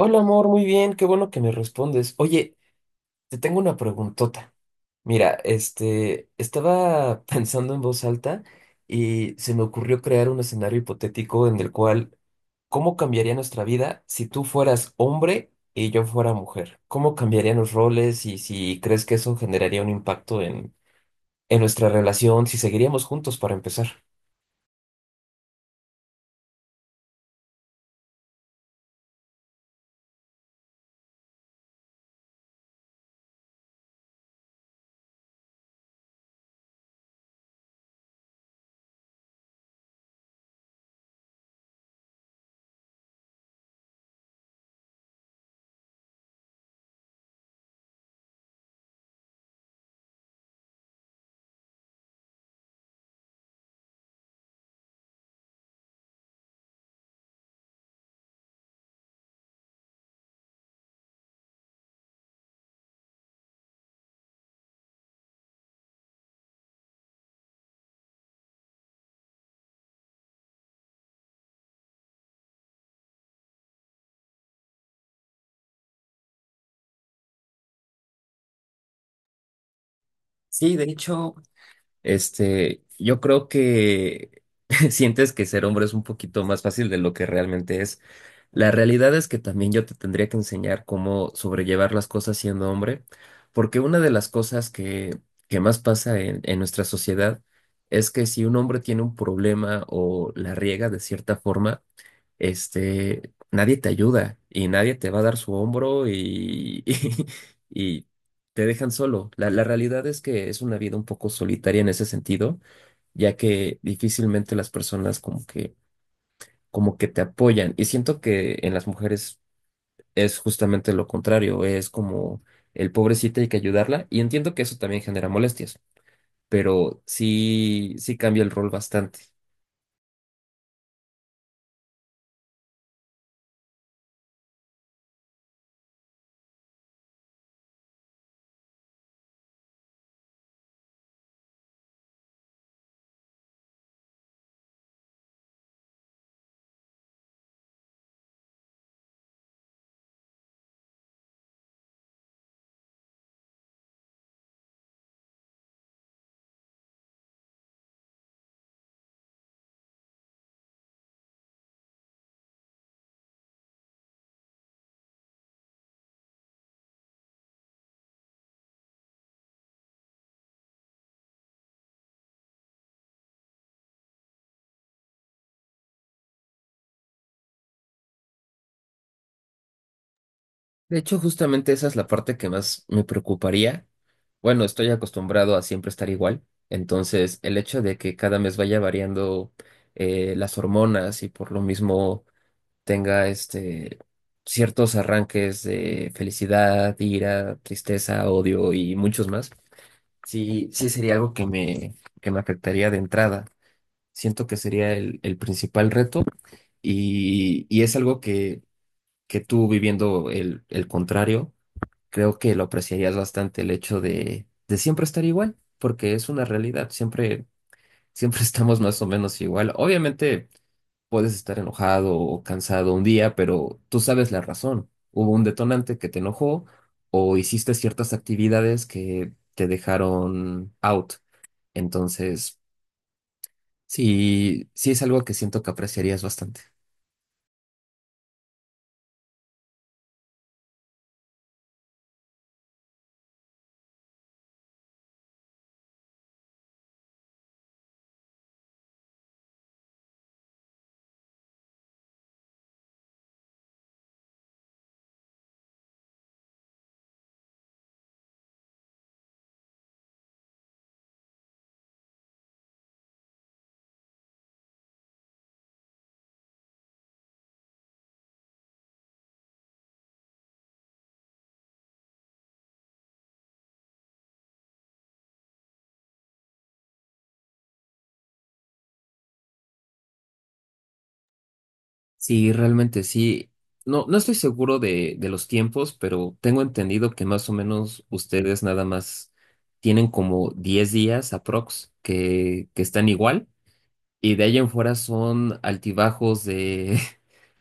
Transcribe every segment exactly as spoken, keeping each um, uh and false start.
Hola amor, muy bien, qué bueno que me respondes. Oye, te tengo una preguntota. Mira, este, estaba pensando en voz alta y se me ocurrió crear un escenario hipotético en el cual, ¿cómo cambiaría nuestra vida si tú fueras hombre y yo fuera mujer? ¿Cómo cambiarían los roles y si crees que eso generaría un impacto en, en nuestra relación, si seguiríamos juntos para empezar? Sí, de hecho, Este, yo creo que sientes que ser hombre es un poquito más fácil de lo que realmente es. La realidad es que también yo te tendría que enseñar cómo sobrellevar las cosas siendo hombre, porque una de las cosas que, que más pasa en, en nuestra sociedad es que si un hombre tiene un problema o la riega de cierta forma, este, nadie te ayuda y nadie te va a dar su hombro y, y, te dejan solo. La, la realidad es que es una vida un poco solitaria en ese sentido, ya que difícilmente las personas como que, como que te apoyan. Y siento que en las mujeres es justamente lo contrario, es como el pobrecito hay que ayudarla. Y entiendo que eso también genera molestias, pero sí, sí cambia el rol bastante. De hecho, justamente esa es la parte que más me preocuparía. Bueno, estoy acostumbrado a siempre estar igual, entonces el hecho de que cada mes vaya variando eh, las hormonas y por lo mismo tenga este ciertos arranques de felicidad, ira, tristeza, odio y muchos más, sí, sí sería algo que me, que me afectaría de entrada. Siento que sería el, el principal reto y, y es algo que, que tú viviendo el, el contrario creo que lo apreciarías bastante el hecho de, de siempre estar igual, porque es una realidad, siempre, siempre estamos más o menos igual. Obviamente puedes estar enojado o cansado un día, pero tú sabes la razón. Hubo un detonante que te enojó o hiciste ciertas actividades que te dejaron out. Entonces, sí, sí es algo que siento que apreciarías bastante. Sí, realmente sí. No, no estoy seguro de, de los tiempos, pero tengo entendido que más o menos ustedes nada más tienen como diez días aprox que, que están igual y de ahí en fuera son altibajos de,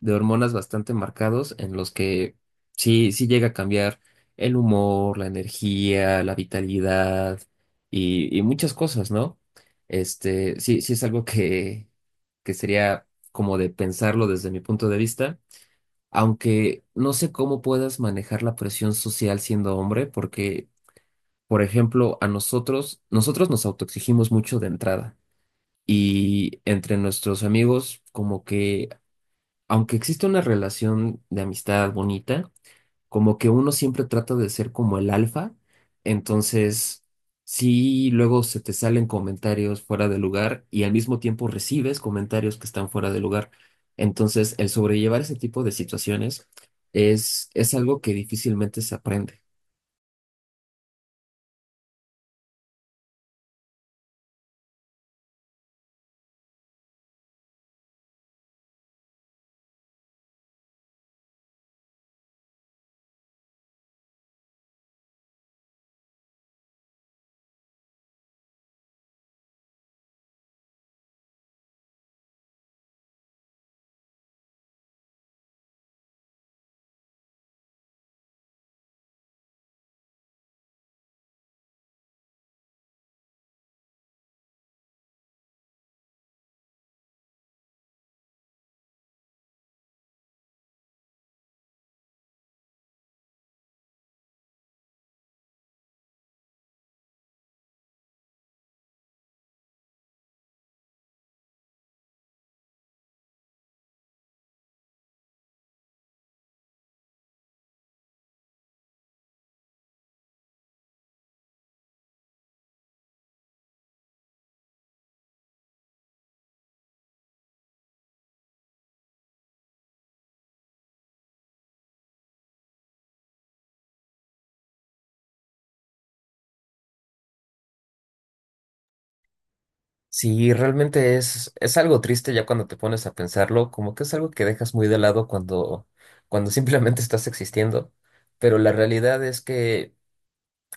de hormonas bastante marcados en los que sí, sí llega a cambiar el humor, la energía, la vitalidad y, y muchas cosas, ¿no? Este, sí, sí es algo que, que sería como de pensarlo desde mi punto de vista, aunque no sé cómo puedas manejar la presión social siendo hombre, porque, por ejemplo, a nosotros, nosotros nos autoexigimos mucho de entrada. Y entre nuestros amigos, como que aunque existe una relación de amistad bonita, como que uno siempre trata de ser como el alfa, entonces sí, luego se te salen comentarios fuera de lugar y al mismo tiempo recibes comentarios que están fuera de lugar. Entonces, el sobrellevar ese tipo de situaciones es, es algo que difícilmente se aprende. Sí, realmente es, es algo triste ya cuando te pones a pensarlo, como que es algo que dejas muy de lado cuando, cuando simplemente estás existiendo, pero la realidad es que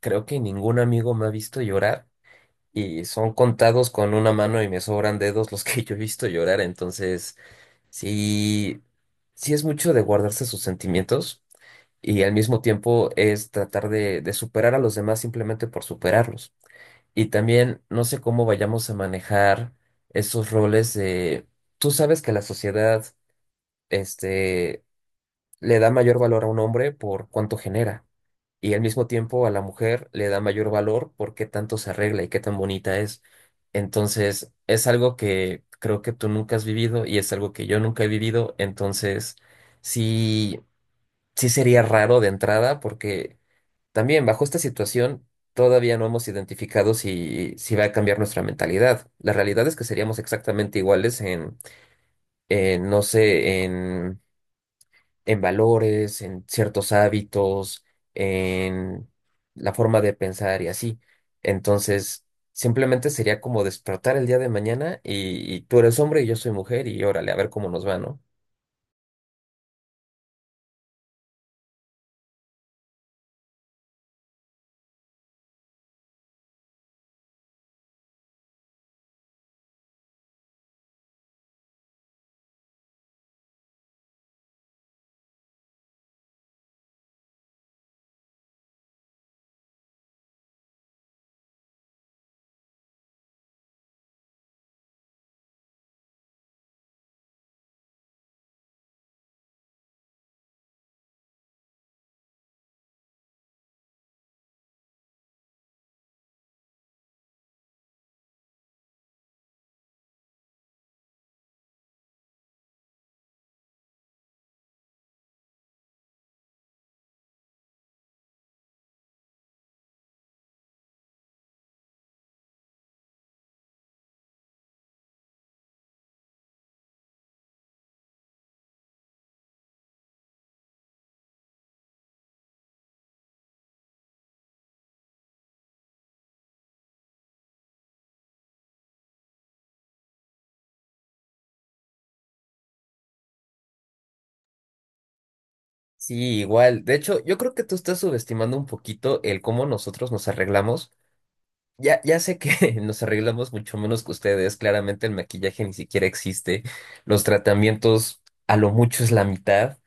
creo que ningún amigo me ha visto llorar y son contados con una mano y me sobran dedos los que yo he visto llorar. Entonces, sí, sí es mucho de guardarse sus sentimientos y al mismo tiempo es tratar de, de superar a los demás simplemente por superarlos. Y también no sé cómo vayamos a manejar esos roles de, tú sabes que la sociedad, este, le da mayor valor a un hombre por cuánto genera y al mismo tiempo a la mujer le da mayor valor por qué tanto se arregla y qué tan bonita es. Entonces, es algo que creo que tú nunca has vivido y es algo que yo nunca he vivido, entonces sí, sí sería raro de entrada porque también bajo esta situación todavía no hemos identificado si, si va a cambiar nuestra mentalidad. La realidad es que seríamos exactamente iguales en, en, no sé, en valores, en ciertos hábitos, en la forma de pensar y así. Entonces, simplemente sería como despertar el día de mañana y, y tú eres hombre y yo soy mujer y órale, a ver cómo nos va, ¿no? Sí, igual. De hecho, yo creo que tú estás subestimando un poquito el cómo nosotros nos arreglamos. Ya, ya sé que nos arreglamos mucho menos que ustedes. Claramente el maquillaje ni siquiera existe. Los tratamientos a lo mucho es la mitad,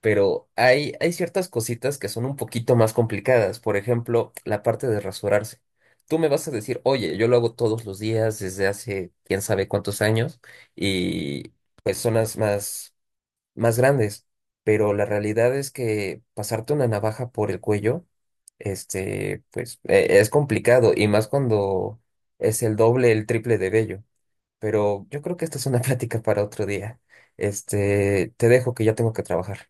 pero hay, hay ciertas cositas que son un poquito más complicadas. Por ejemplo, la parte de rasurarse. Tú me vas a decir, oye, yo lo hago todos los días desde hace quién sabe cuántos años y pues zonas más, más grandes. Pero la realidad es que pasarte una navaja por el cuello, este, pues e- es complicado y más cuando es el doble, el triple de vello. Pero yo creo que esta es una plática para otro día. Este, te dejo que ya tengo que trabajar.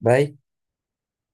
Bye.